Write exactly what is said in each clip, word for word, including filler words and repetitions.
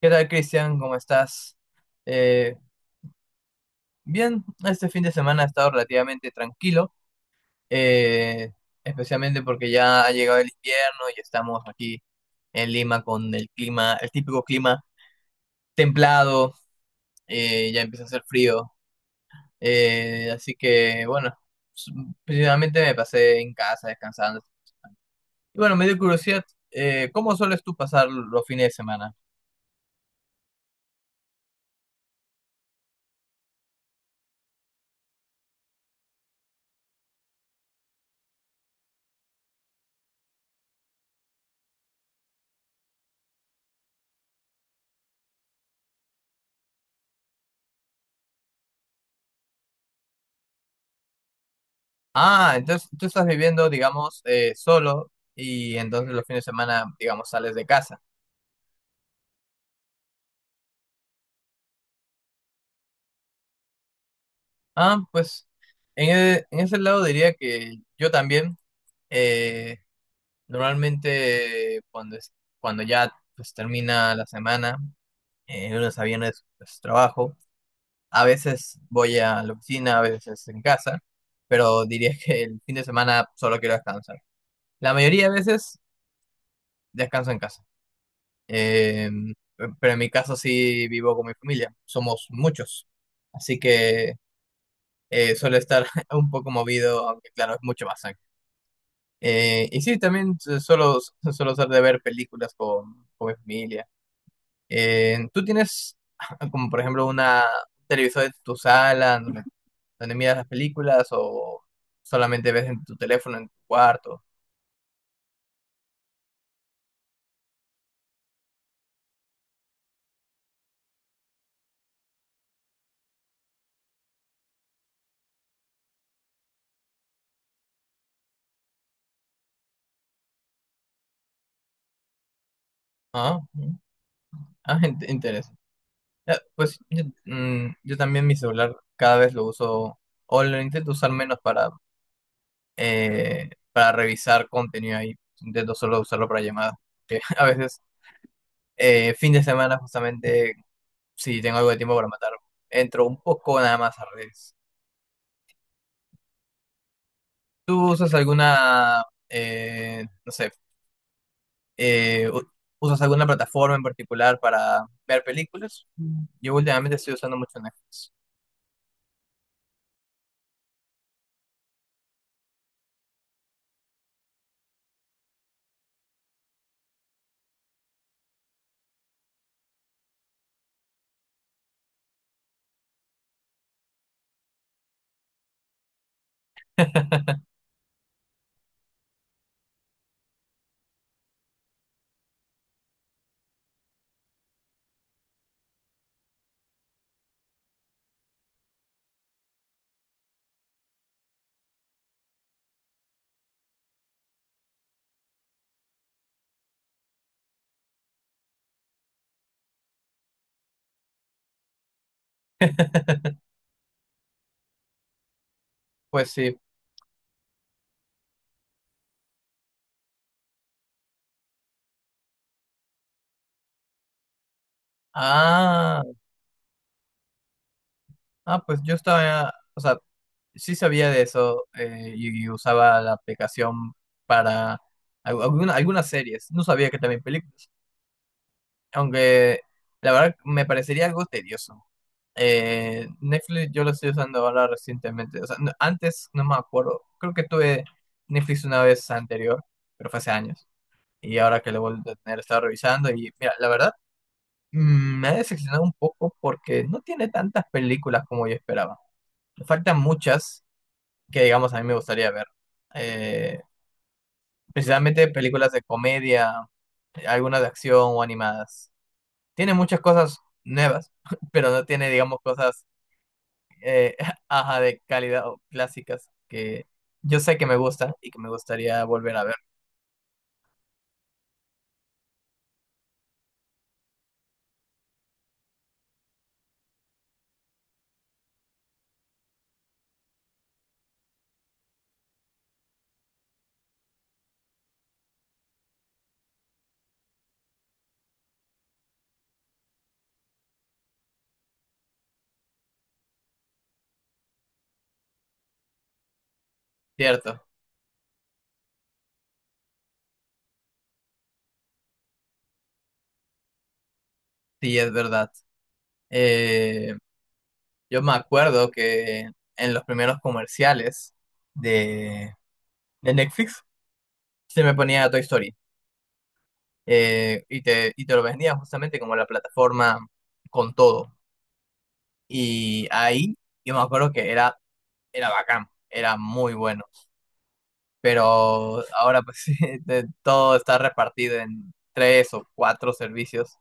¿Qué tal, Cristian? ¿Cómo estás? Eh, Bien, este fin de semana ha estado relativamente tranquilo, eh, especialmente porque ya ha llegado el invierno y estamos aquí en Lima con el clima, el típico clima templado, eh, ya empieza a hacer frío, eh, así que bueno, s- principalmente me pasé en casa descansando. Y bueno, me dio curiosidad, eh, ¿cómo sueles tú pasar los fines de semana? Ah, entonces tú estás viviendo, digamos, eh, solo y entonces los fines de semana, digamos, sales de casa. Ah, pues en, e- en ese lado diría que yo también, eh, normalmente cuando, es- cuando ya pues, termina la semana, eh, lunes a viernes pues, trabajo, a veces voy a la oficina, a veces en casa, pero diría que el fin de semana solo quiero descansar. La mayoría de veces descanso en casa. Em, pero en mi caso sí vivo con mi familia, somos muchos, así que eh, suele estar un poco movido, aunque claro, es mucho más sangre. Eh, y sí, también su- suelo, suelo ser de ver películas con, con mi familia. Eh, ¿tú tienes como por ejemplo una un televisor en tu sala donde, donde miras las películas o solamente ves en tu teléfono, en tu cuarto? Ah, mm, ah, in- interesante. Ya, pues yo, mm, yo también mi celular cada vez lo uso, o lo intento usar menos para, eh, para revisar contenido ahí. Intento solo usarlo para llamadas. Que a veces, eh, fin de semana, justamente, si tengo algo de tiempo para matar, entro un poco nada más a redes. ¿Tú usas alguna, eh, no sé, eh, u- usas alguna plataforma en particular para ver películas? Yo últimamente estoy usando mucho Netflix. Pues sí. Ah. Ah, pues yo estaba, o sea, sí sabía de eso eh, y, y usaba la aplicación para al- alguna- algunas series. No sabía que también películas. Aunque la verdad me parecería algo tedioso. Eh, Netflix yo lo estoy usando ahora recientemente. O sea, no- antes no me acuerdo. Creo que tuve Netflix una vez anterior, pero fue hace años. Y ahora que lo vuelvo a tener, estaba revisando y mira, la verdad mm, me ha decepcionado un poco porque no tiene tantas películas como yo esperaba. Le faltan muchas que digamos a mí me gustaría ver. Eh, Precisamente películas de comedia, algunas de acción o animadas. Tiene muchas cosas nuevas, pero no tiene, digamos, cosas eh, ajá, de calidad o clásicas que yo sé que me gustan y que me gustaría volver a ver. Cierto, sí, es verdad. Eh, yo me acuerdo que en los primeros comerciales de, de Netflix se me ponía Toy Story. Eh, y te, y te lo vendían justamente como la plataforma con todo. Y ahí yo me acuerdo que era, era bacán, era muy bueno. Pero ahora pues sí, de- todo está repartido en tres o cuatro servicios.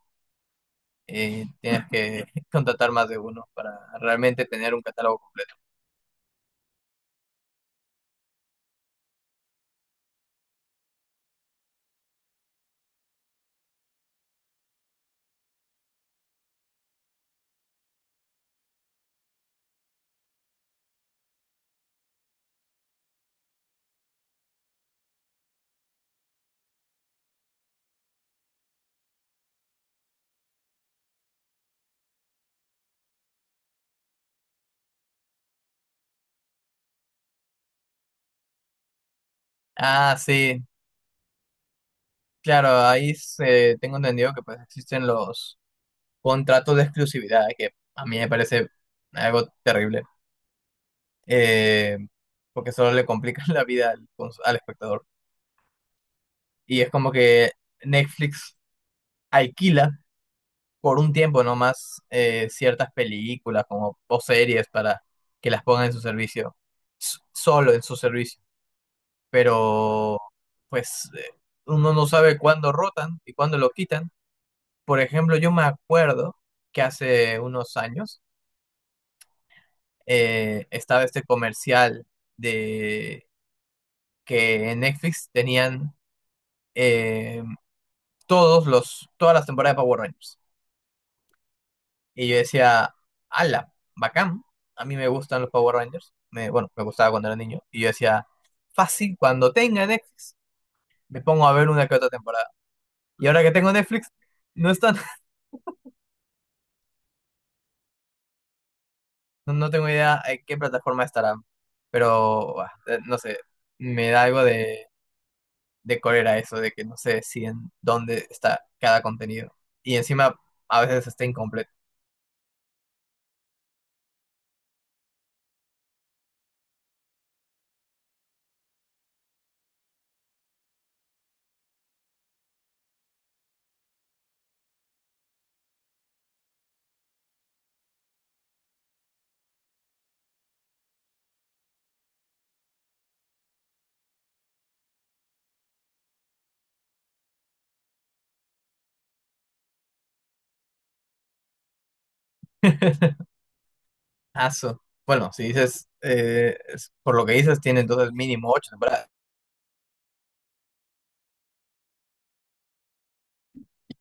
Eh, tienes que contratar más de uno para realmente tener un catálogo completo. Ah, sí, claro, ahí se- tengo entendido que pues existen los contratos de exclusividad, que a mí me parece algo terrible. eh, Porque solo le complican la vida al, cons- al espectador. Y es como que Netflix alquila por un tiempo nomás eh, ciertas películas como, o series para que las pongan en su servicio, s- solo en su servicio. Pero pues eh, uno no sabe cuándo rotan y cuándo lo quitan. Por ejemplo, yo me acuerdo que hace unos años eh, estaba este comercial de que en Netflix tenían... eh, todos los, todas las temporadas de Power Rangers. Y yo decía, ala, bacán, a mí me gustan los Power Rangers. Me, bueno, me gustaba cuando era niño. Y yo decía, fácil, cuando tenga Netflix, me pongo a ver una que otra temporada. Y ahora que tengo Netflix, no están, no, no tengo idea en qué plataforma estarán. Pero, ah, eh, no sé, me da algo de, de cólera eso, de que no sé si en dónde está cada contenido. Y encima, a veces está incompleto. Aso. Bueno, si dices, eh, es- por lo que dices, tiene entonces mínimo ocho temporadas.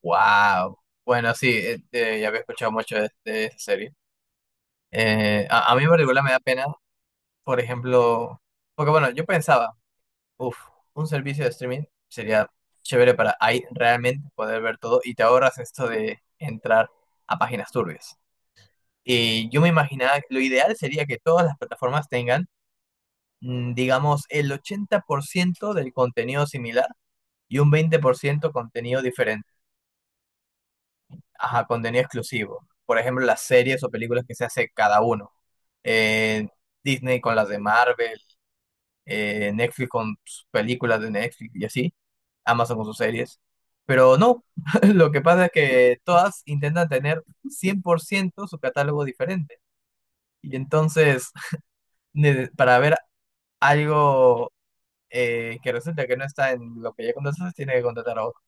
¡Wow! Bueno, sí, eh, eh, ya había escuchado mucho de, de esa serie. Eh, a, a mí en particular me da pena, por ejemplo, porque bueno, yo pensaba, uff, un servicio de streaming sería chévere para ahí realmente poder ver todo y te ahorras esto de entrar a páginas turbias. Y yo me imaginaba que lo ideal sería que todas las plataformas tengan, mm, digamos, el ochenta por ciento del contenido similar y un veinte por ciento contenido diferente, ajá, contenido exclusivo. Por ejemplo, las series o películas que se hace cada uno. Eh, Disney con las de Marvel, eh, Netflix con sus películas de Netflix y así, Amazon con sus series. Pero no, lo que pasa es que todas intentan tener cien por ciento su catálogo diferente. Y entonces, ne- para ver algo eh, que resulta que no está en lo que ya contrataste, tiene que contratar a otro.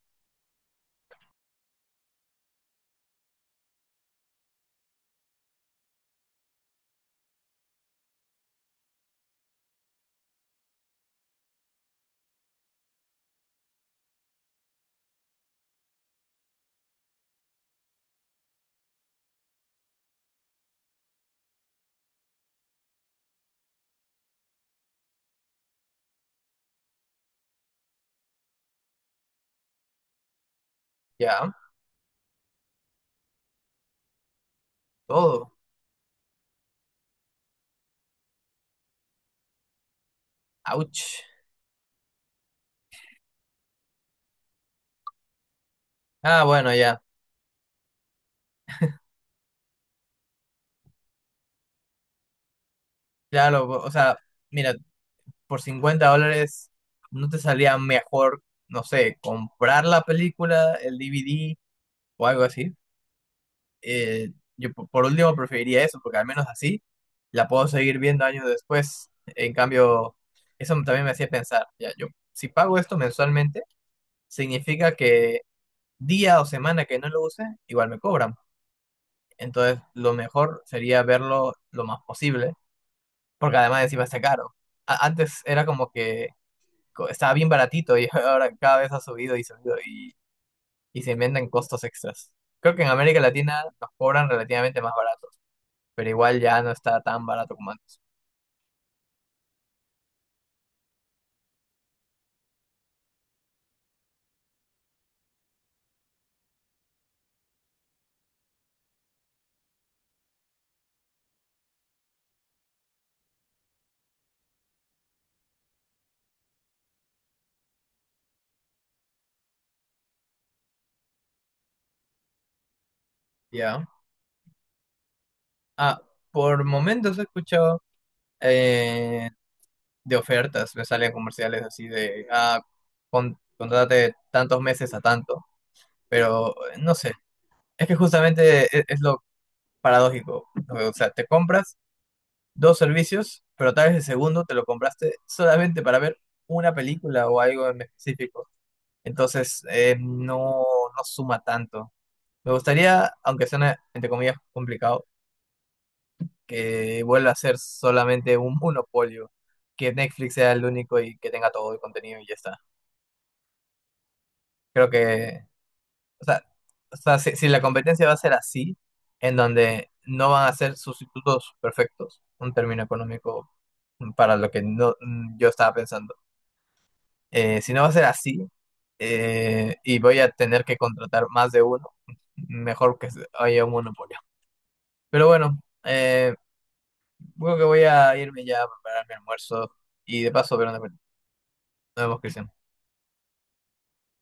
Ya, todo. Ouch. Ah, bueno, ya. Claro lo, o sea, mira, por cincuenta dólares no te salía mejor, no sé, comprar la película, el D V D o algo así. Eh, yo po- por último preferiría eso, porque al menos así la puedo seguir viendo años después. En cambio, eso también me hacía pensar, ya, yo si pago esto mensualmente, significa que día o semana que no lo use, igual me cobran. Entonces, lo mejor sería verlo lo más posible, porque además encima está caro. A- Antes era como que co- estaba bien baratito y ahora cada vez ha subido y subido y, y se inventan costos extras. Creo que en América Latina nos cobran relativamente más baratos pero igual ya no está tan barato como antes. Ya. Ah, por momentos he escuchado eh, de ofertas, me salen comerciales así de, ah, con- contrátate tantos meses a tanto, pero eh, no sé, es que justamente e- es, lo paradójico. O sea, te compras dos servicios, pero tal vez el segundo te lo compraste solamente para ver una película o algo en específico. Entonces, eh, no, no suma tanto. Me gustaría, aunque suene entre comillas complicado, que vuelva a ser solamente un monopolio, que Netflix sea el único y que tenga todo el contenido y ya está. Creo que, o sea, o sea, si, si la competencia va a ser así, en donde no van a ser sustitutos perfectos, un término económico para lo que no, yo estaba pensando. Eh, si no va a ser así eh, y voy a tener que contratar más de uno, mejor que se- haya un monopolio. Pero bueno, eh, creo que voy a irme ya a preparar mi almuerzo y de paso ver una película. Nos vemos, Cristian.